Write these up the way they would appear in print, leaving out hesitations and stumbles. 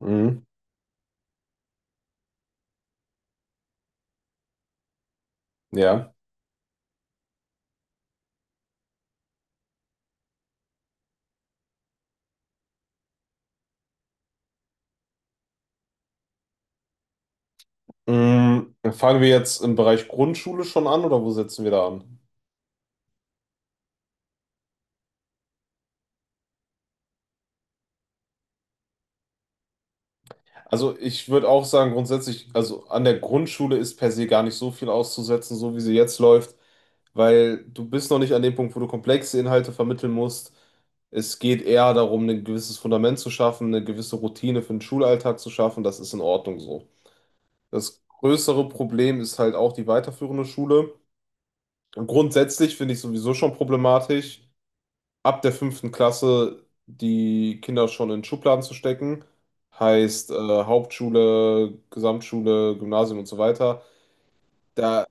Mhm. Ja. Mhm. Fangen wir jetzt im Bereich Grundschule schon an, oder wo setzen wir da an? Also ich würde auch sagen, grundsätzlich, also an der Grundschule ist per se gar nicht so viel auszusetzen, so wie sie jetzt läuft, weil du bist noch nicht an dem Punkt, wo du komplexe Inhalte vermitteln musst. Es geht eher darum, ein gewisses Fundament zu schaffen, eine gewisse Routine für den Schulalltag zu schaffen. Das ist in Ordnung so. Das größere Problem ist halt auch die weiterführende Schule. Und grundsätzlich finde ich sowieso schon problematisch. Ab der fünften Klasse die Kinder schon in Schubladen zu stecken, heißt Hauptschule, Gesamtschule, Gymnasium und so weiter. Da,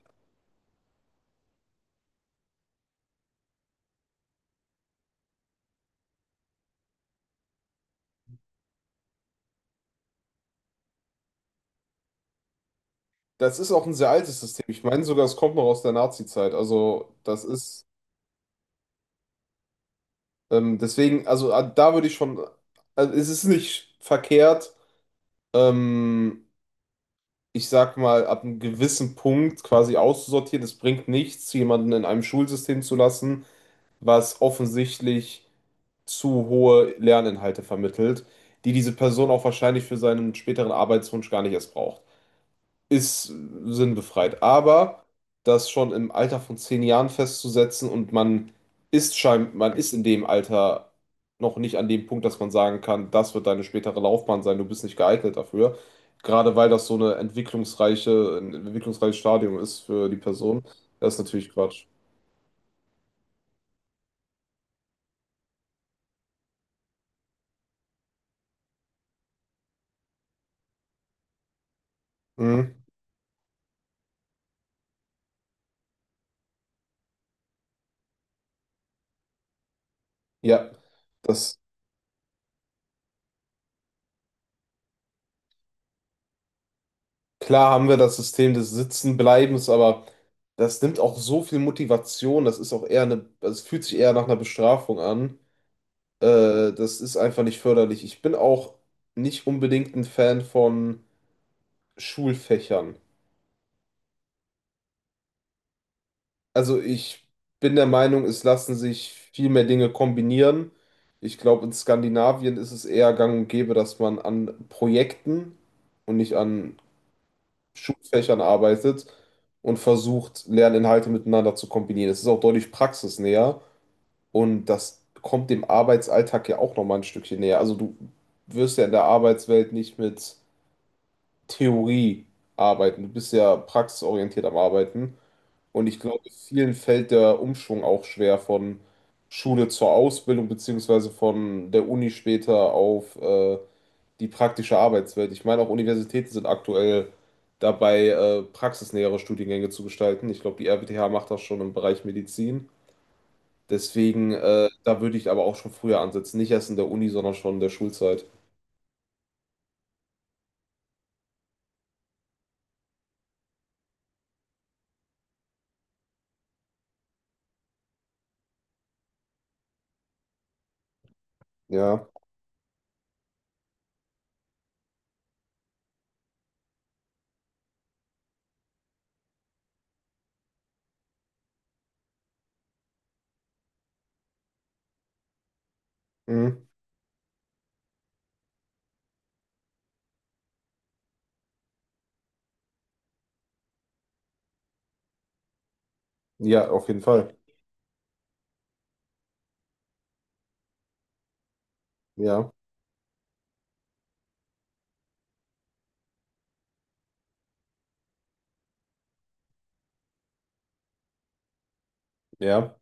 das ist auch ein sehr altes System. Ich meine sogar, es kommt noch aus der Nazi-Zeit. Also das ist deswegen, da würde ich schon, also, es ist nicht verkehrt, ähm, ich sag mal, ab einem gewissen Punkt quasi auszusortieren. Es bringt nichts, jemanden in einem Schulsystem zu lassen, was offensichtlich zu hohe Lerninhalte vermittelt, die diese Person auch wahrscheinlich für seinen späteren Arbeitswunsch gar nicht erst braucht. Ist sinnbefreit. Aber das schon im Alter von zehn Jahren festzusetzen, und man man ist in dem Alter noch nicht an dem Punkt, dass man sagen kann, das wird deine spätere Laufbahn sein, du bist nicht geeignet dafür. Gerade weil das so eine ein entwicklungsreiches Stadium ist für die Person, das ist natürlich Quatsch. Mhm. Ja, das Klar haben wir das System des Sitzenbleibens, aber das nimmt auch so viel Motivation. Das ist auch also es fühlt sich eher nach einer Bestrafung an. Das ist einfach nicht förderlich. Ich bin auch nicht unbedingt ein Fan von Schulfächern. Also ich bin der Meinung, es lassen sich viel mehr Dinge kombinieren. Ich glaube, in Skandinavien ist es eher gang und gäbe, dass man an Projekten und nicht an Schulfächern arbeitet und versucht, Lerninhalte miteinander zu kombinieren. Es ist auch deutlich praxisnäher, und das kommt dem Arbeitsalltag ja auch nochmal ein Stückchen näher. Also du wirst ja in der Arbeitswelt nicht mit Theorie arbeiten, du bist ja praxisorientiert am Arbeiten, und ich glaube, vielen fällt der Umschwung auch schwer von Schule zur Ausbildung beziehungsweise von der Uni später auf die praktische Arbeitswelt. Ich meine, auch Universitäten sind aktuell dabei, praxisnähere Studiengänge zu gestalten. Ich glaube, die RWTH macht das schon im Bereich Medizin. Deswegen, da würde ich aber auch schon früher ansetzen. Nicht erst in der Uni, sondern schon in der Schulzeit. Ja, mhm. Ja, auf jeden Fall. Ja, ja,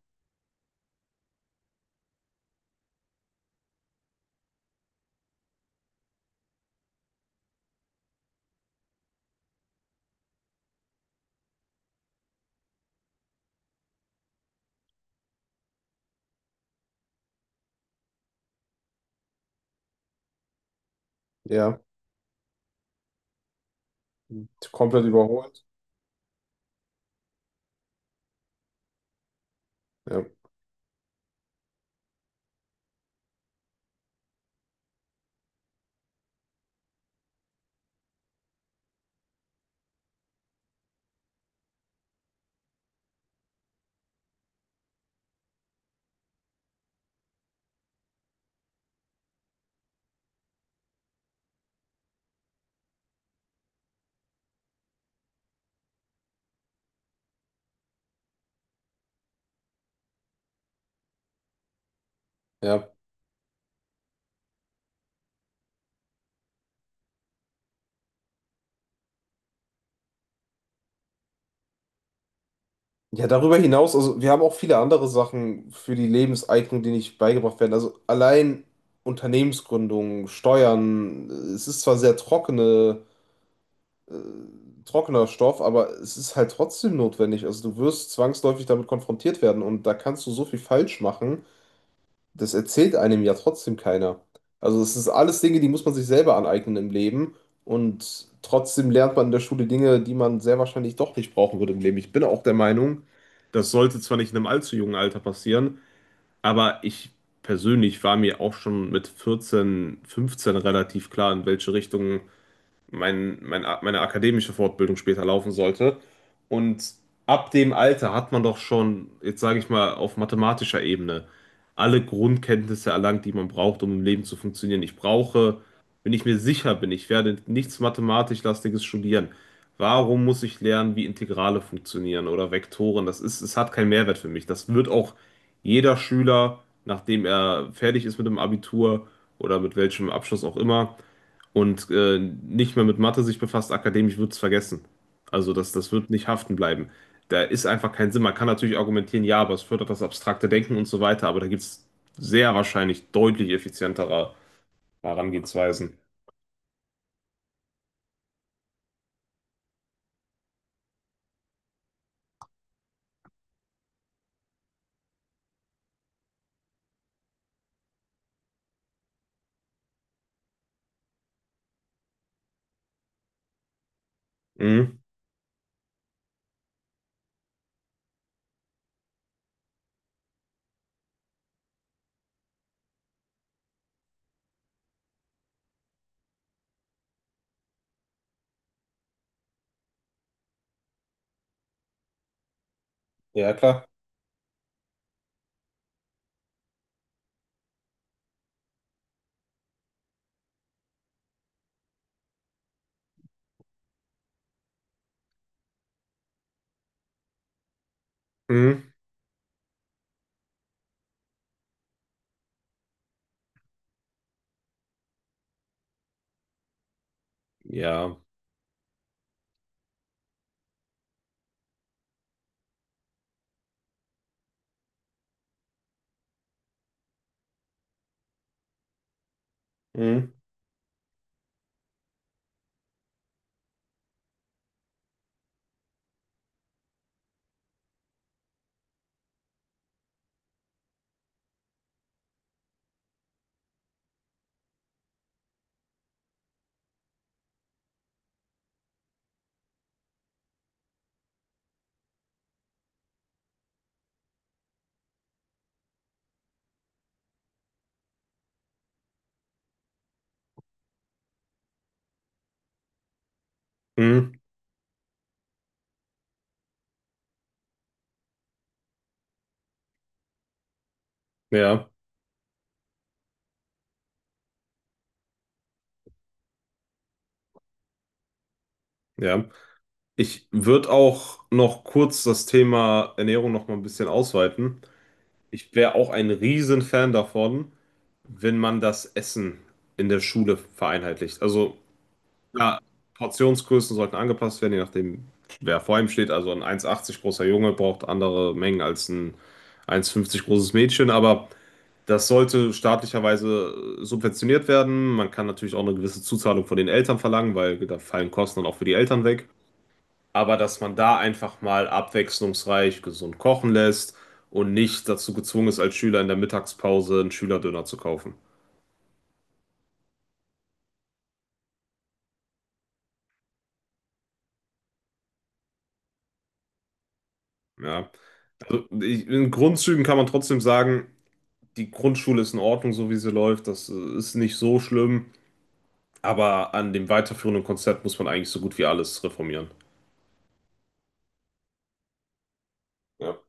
ja. Komplett überholt. Ja, ja. Ja, darüber hinaus, also wir haben auch viele andere Sachen für die Lebenseignung, die nicht beigebracht werden. Also allein Unternehmensgründung, Steuern, es ist zwar sehr trockener Stoff, aber es ist halt trotzdem notwendig. Also du wirst zwangsläufig damit konfrontiert werden, und da kannst du so viel falsch machen, das erzählt einem ja trotzdem keiner. Also es ist alles Dinge, die muss man sich selber aneignen im Leben, und trotzdem lernt man in der Schule Dinge, die man sehr wahrscheinlich doch nicht brauchen würde im Leben. Ich bin auch der Meinung, das sollte zwar nicht in einem allzu jungen Alter passieren, aber ich persönlich war mir auch schon mit 14, 15 relativ klar, in welche Richtung meine akademische Fortbildung später laufen sollte. Und ab dem Alter hat man doch schon, jetzt sage ich mal, auf mathematischer Ebene alle Grundkenntnisse erlangt, die man braucht, um im Leben zu funktionieren. Wenn ich mir sicher bin, ich werde nichts mathematisch-lastiges studieren. Warum muss ich lernen, wie Integrale funktionieren oder Vektoren? Es hat keinen Mehrwert für mich. Das wird auch jeder Schüler, nachdem er fertig ist mit dem Abitur oder mit welchem Abschluss auch immer, und nicht mehr mit Mathe sich befasst, akademisch wird es vergessen. Also das wird nicht haften bleiben. Da ist einfach kein Sinn. Man kann natürlich argumentieren, ja, aber es fördert das abstrakte Denken und so weiter, aber da gibt es sehr wahrscheinlich deutlich effizientere Herangehensweisen. Mhm. Ja, klar. Mhm. Ja. Mhm. Mhm. Ja. Ja. Ich würde auch noch kurz das Thema Ernährung noch mal ein bisschen ausweiten. Ich wäre auch ein Riesenfan davon, wenn man das Essen in der Schule vereinheitlicht. Also, ja, Portionsgrößen sollten angepasst werden, je nachdem, wer vor ihm steht. Also ein 1,80 großer Junge braucht andere Mengen als ein 1,50 großes Mädchen, aber das sollte staatlicherweise subventioniert werden. Man kann natürlich auch eine gewisse Zuzahlung von den Eltern verlangen, weil da fallen Kosten dann auch für die Eltern weg. Aber dass man da einfach mal abwechslungsreich gesund kochen lässt und nicht dazu gezwungen ist, als Schüler in der Mittagspause einen Schülerdöner zu kaufen. Ja. In Grundzügen kann man trotzdem sagen, die Grundschule ist in Ordnung, so wie sie läuft. Das ist nicht so schlimm. Aber an dem weiterführenden Konzept muss man eigentlich so gut wie alles reformieren. Ja.